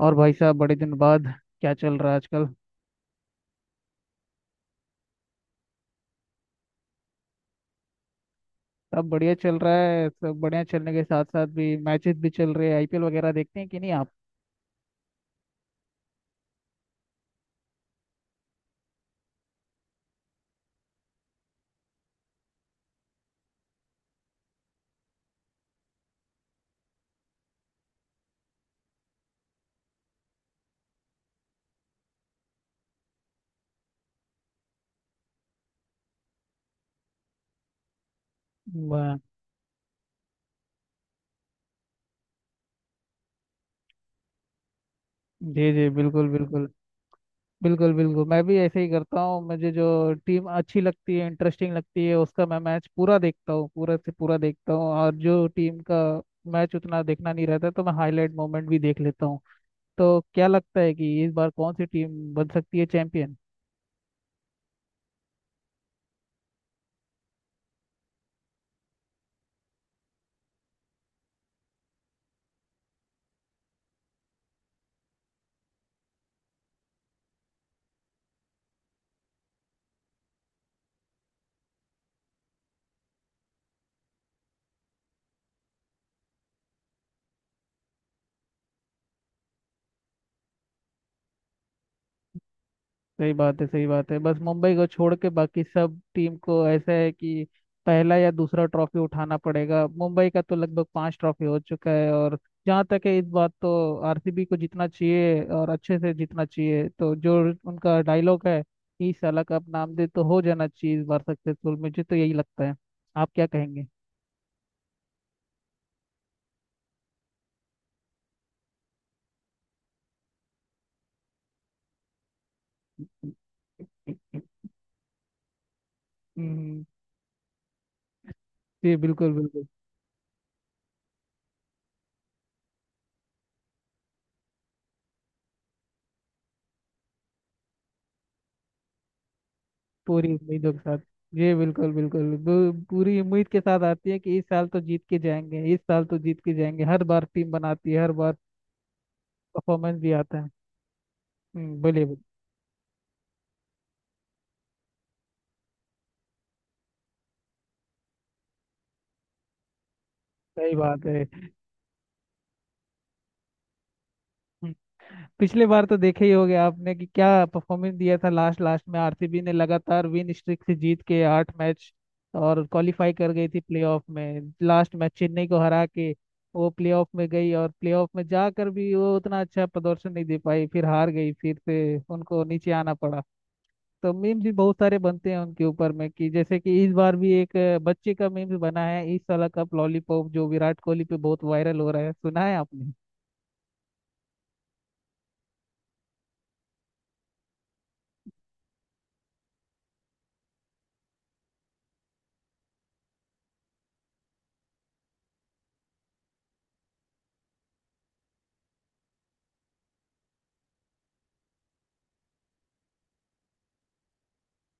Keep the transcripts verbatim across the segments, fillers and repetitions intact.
और भाई साहब बड़े दिन बाद क्या चल रहा है आजकल। सब बढ़िया चल रहा है। सब बढ़िया चलने के साथ साथ भी मैचेस भी चल रहे हैं, आई पी एल वगैरह देखते हैं कि नहीं आप? वाह। जी जी, बिल्कुल बिल्कुल। बिल्कुल बिल्कुल, मैं भी ऐसे ही करता हूँ। मुझे जो टीम अच्छी लगती है, इंटरेस्टिंग लगती है, उसका मैं मैच पूरा देखता हूँ, पूरा से पूरा देखता हूँ। और जो टीम का मैच उतना देखना नहीं रहता तो मैं हाईलाइट मोमेंट भी देख लेता हूँ। तो क्या लगता है कि इस बार कौन सी टीम बन सकती है चैंपियन? सही बात है, सही बात है। बस मुंबई को छोड़ के बाकी सब टीम को ऐसा है कि पहला या दूसरा ट्रॉफी उठाना पड़ेगा। मुंबई का तो लगभग पांच ट्रॉफी हो चुका है। और जहाँ तक है इस बात तो आर सी बी को जीतना चाहिए, और अच्छे से जीतना चाहिए। तो जो उनका डायलॉग है इस साल का, अब नाम दे तो हो जाना चाहिए इस बार सक्सेसफुल। मुझे तो यही लगता है। आप क्या कहेंगे? हम्म, जी बिल्कुल बिल्कुल। पूरी उम्मीदों के साथ, जी बिल्कुल बिल्कुल। पू- पूरी उम्मीद के साथ आती है कि इस साल तो जीत के जाएंगे, इस साल तो जीत के जाएंगे। हर बार टीम बनाती है, हर बार परफॉर्मेंस भी आता है। हम्म बोलिए बोलिए। सही बात है। हम्म। पिछले बार तो देखे ही होंगे आपने कि क्या परफॉर्मेंस दिया था। लास्ट लास्ट में आर सी बी ने लगातार विन स्ट्रिक से जीत के आठ मैच, और क्वालिफाई कर गई थी प्लेऑफ में, लास्ट मैच चेन्नई को हरा के। वो प्लेऑफ में गई और प्लेऑफ में जाकर भी वो उतना अच्छा प्रदर्शन नहीं दे पाई, फिर हार गई, फिर से उनको नीचे आना पड़ा। तो मीम्स भी बहुत सारे बनते हैं उनके ऊपर में। कि जैसे कि इस बार भी एक अ, बच्चे का मीम्स बना है, इस साल का लॉलीपॉप, जो विराट कोहली पे बहुत वायरल हो रहा है। सुना है आपने?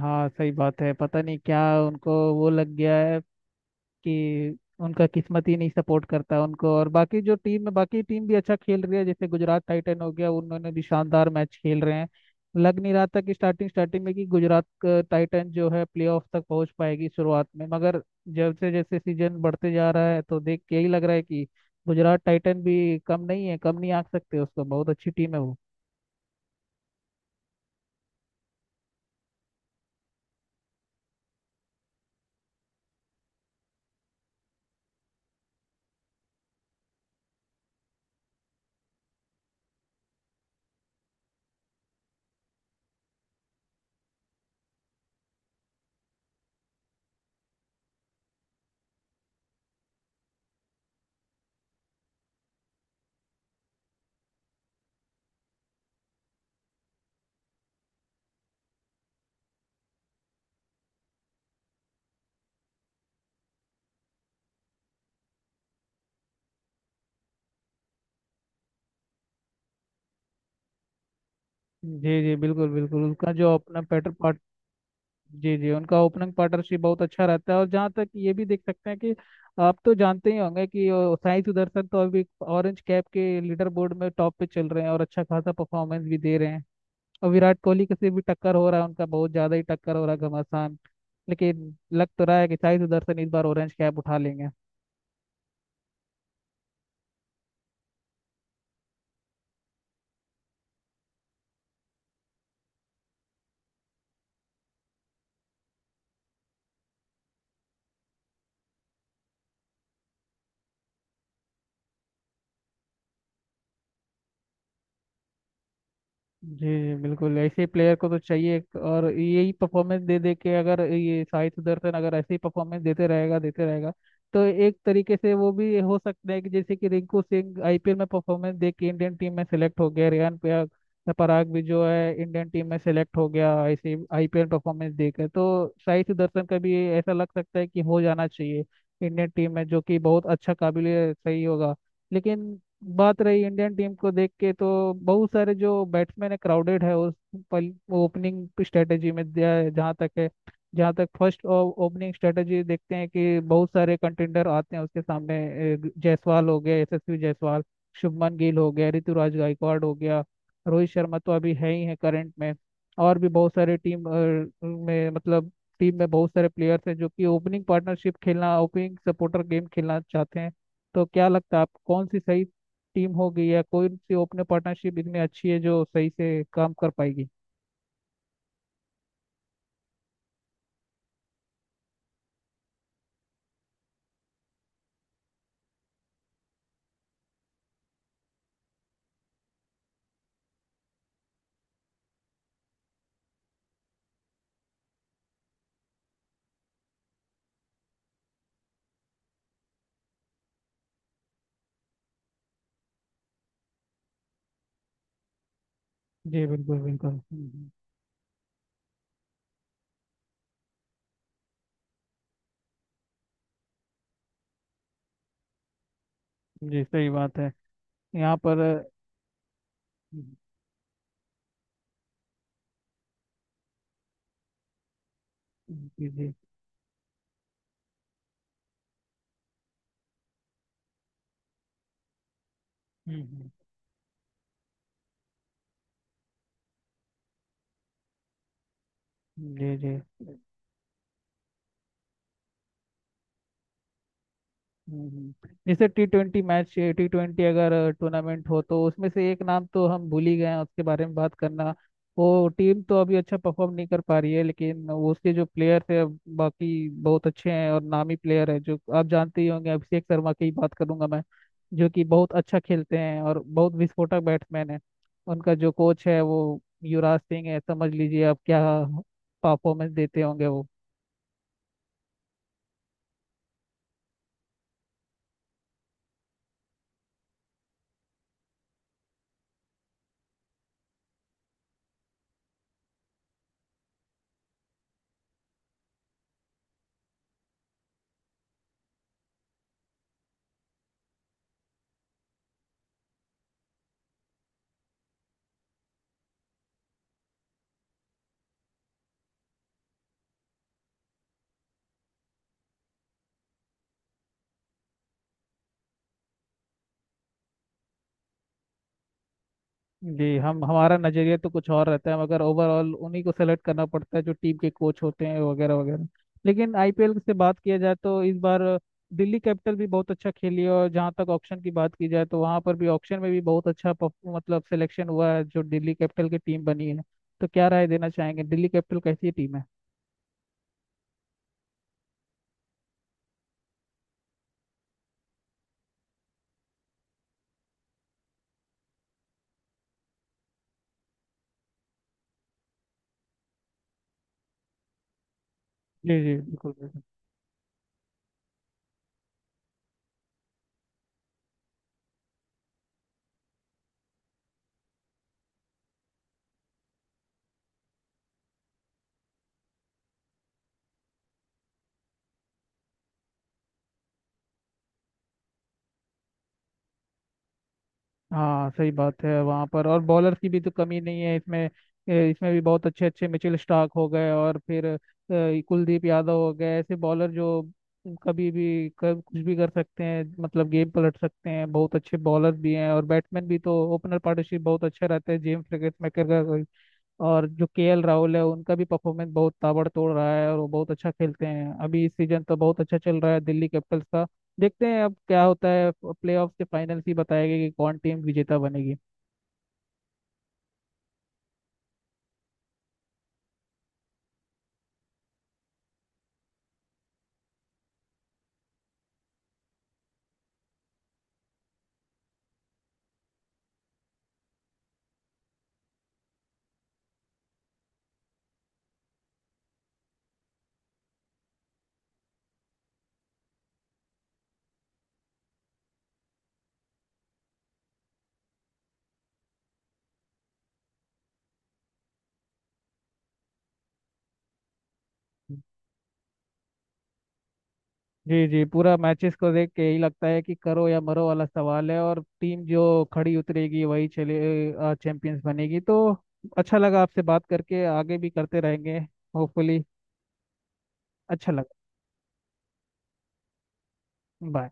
हाँ सही बात है। पता नहीं क्या उनको वो लग गया है कि उनका किस्मत ही नहीं सपोर्ट करता उनको। और बाकी जो टीम है, बाकी टीम भी अच्छा खेल रही है। जैसे गुजरात टाइटन हो गया, उन्होंने भी शानदार मैच खेल रहे हैं। लग नहीं रहा था कि स्टार्टिंग स्टार्टिंग में कि गुजरात का टाइटन जो है प्लेऑफ तक पहुंच पाएगी शुरुआत में, मगर जैसे जैसे सीजन बढ़ते जा रहा है तो देख के यही लग रहा है कि गुजरात टाइटन भी कम नहीं है। कम नहीं आंक सकते उसको, बहुत अच्छी टीम है वो। जी जी बिल्कुल बिल्कुल, उसका जो अपना पैटर्न, जी जी, उनका ओपनिंग पार्टनरशिप बहुत अच्छा रहता है। और जहाँ तक ये भी देख सकते हैं कि आप तो जानते ही होंगे कि अ, साई सुदर्शन तो अभी ऑरेंज कैप के लीडर बोर्ड में टॉप पे चल रहे हैं और अच्छा खासा परफॉर्मेंस भी दे रहे हैं। और विराट कोहली के से भी टक्कर हो रहा है उनका, बहुत ज़्यादा ही टक्कर हो रहा है, घमासान। लेकिन लग तो रहा है कि साई सुदर्शन इस बार ऑरेंज कैप उठा लेंगे। जी बिल्कुल, ऐसे प्लेयर को तो चाहिए। एक और यही परफॉर्मेंस दे दे के, अगर ये साई सुदर्शन अगर ऐसे ही परफॉर्मेंस देते रहेगा देते रहेगा, तो एक तरीके से वो भी हो सकता है कि जैसे कि Rinku Singh I P L में परफॉर्मेंस दे के इंडियन टीम में सेलेक्ट हो गया, रेयान पराग। पराग भी जो है इंडियन टीम में सेलेक्ट हो गया ऐसे आई पी एल परफॉर्मेंस दे के। तो साई सुदर्शन का भी ऐसा लग सकता है कि हो जाना चाहिए इंडियन टीम में, जो कि बहुत अच्छा, काबिल, सही होगा। लेकिन बात रही इंडियन टीम को देख के तो बहुत सारे जो बैट्समैन है, क्राउडेड है उस पल ओपनिंग स्ट्रेटेजी में दिया है। जहाँ तक है, जहाँ तक फर्स्ट ओपनिंग स्ट्रेटेजी देखते हैं कि बहुत सारे कंटेंडर आते हैं उसके सामने। ए, जायसवाल हो गया, यशस्वी जायसवाल, शुभमन गिल हो गया, ऋतुराज गायकवाड़ हो गया, रोहित शर्मा तो अभी है ही है करंट में। और भी बहुत सारे टीम अ, में, मतलब टीम में बहुत सारे प्लेयर्स हैं जो कि ओपनिंग पार्टनरशिप खेलना, ओपनिंग सपोर्टर गेम खेलना चाहते हैं। तो क्या लगता है आप, कौन सी सही टीम होगी, या कोई सी ओपन पार्टनरशिप इतनी अच्छी है जो सही से काम कर पाएगी? जी बिल्कुल बिल्कुल, हम्म, हम्म, जी सही बात है, यहाँ पर हम्म, हम्म, जी जी, हम्म, हम्म, जी जी, हम्म, जैसे T twenty match, T twenty अगर टूर्नामेंट हो तो उसमें से एक नाम तो हम भूल ही गए हैं उसके बारे में बात करना। वो टीम तो अभी अच्छा परफॉर्म नहीं कर पा रही है, लेकिन उसके जो प्लेयर्स है बाकी बहुत अच्छे हैं और नामी प्लेयर है। जो आप जानते ही होंगे, अभिषेक शर्मा की ही बात करूंगा मैं, जो कि बहुत अच्छा खेलते हैं और बहुत विस्फोटक बैट्समैन है। उनका जो कोच है वो युवराज सिंह है, समझ लीजिए आप क्या परफॉर्मेंस देते होंगे वो। जी, हम हमारा नजरिया तो कुछ और रहता है, मगर ओवरऑल उन्हीं को सेलेक्ट करना पड़ता है जो टीम के कोच होते हैं, वगैरह वगैरह। लेकिन आई पी एल से बात किया जाए तो इस बार दिल्ली कैपिटल भी बहुत अच्छा खेली है। और जहाँ तक ऑक्शन की बात की जाए तो वहाँ पर भी ऑक्शन में भी बहुत अच्छा परफ- मतलब सिलेक्शन हुआ है जो दिल्ली कैपिटल की टीम बनी है। तो क्या राय देना चाहेंगे, दिल्ली कैपिटल कैसी टीम है? जी जी बिल्कुल। हाँ सही बात है। वहाँ पर और बॉलर्स की भी तो कमी नहीं है इसमें। ए, इसमें भी बहुत अच्छे अच्छे मिचेल स्टार्क हो गए, और फिर ए, कुलदीप यादव हो गए। ऐसे बॉलर जो कभी भी कर, कुछ भी कर सकते हैं, मतलब गेम पलट सकते हैं, बहुत अच्छे बॉलर भी हैं और बैट्समैन भी। तो ओपनर पार्टनरशिप बहुत अच्छा रहता है जेम्स क्रिकेट मेकर का। और जो के एल राहुल है उनका भी परफॉर्मेंस बहुत ताबड़तोड़ रहा है, और वो बहुत अच्छा खेलते हैं। अभी इस सीजन तो बहुत अच्छा चल रहा है दिल्ली कैपिटल्स का। देखते हैं अब क्या होता है, प्लेऑफ के फाइनल ही बताएगा कि कौन टीम विजेता बनेगी। जी जी, पूरा मैचेस को देख के यही लगता है कि करो या मरो वाला सवाल है, और टीम जो खड़ी उतरेगी वही चले चैंपियंस बनेगी। तो अच्छा लगा आपसे बात करके, आगे भी करते रहेंगे होपफुली। अच्छा लगा। बाय।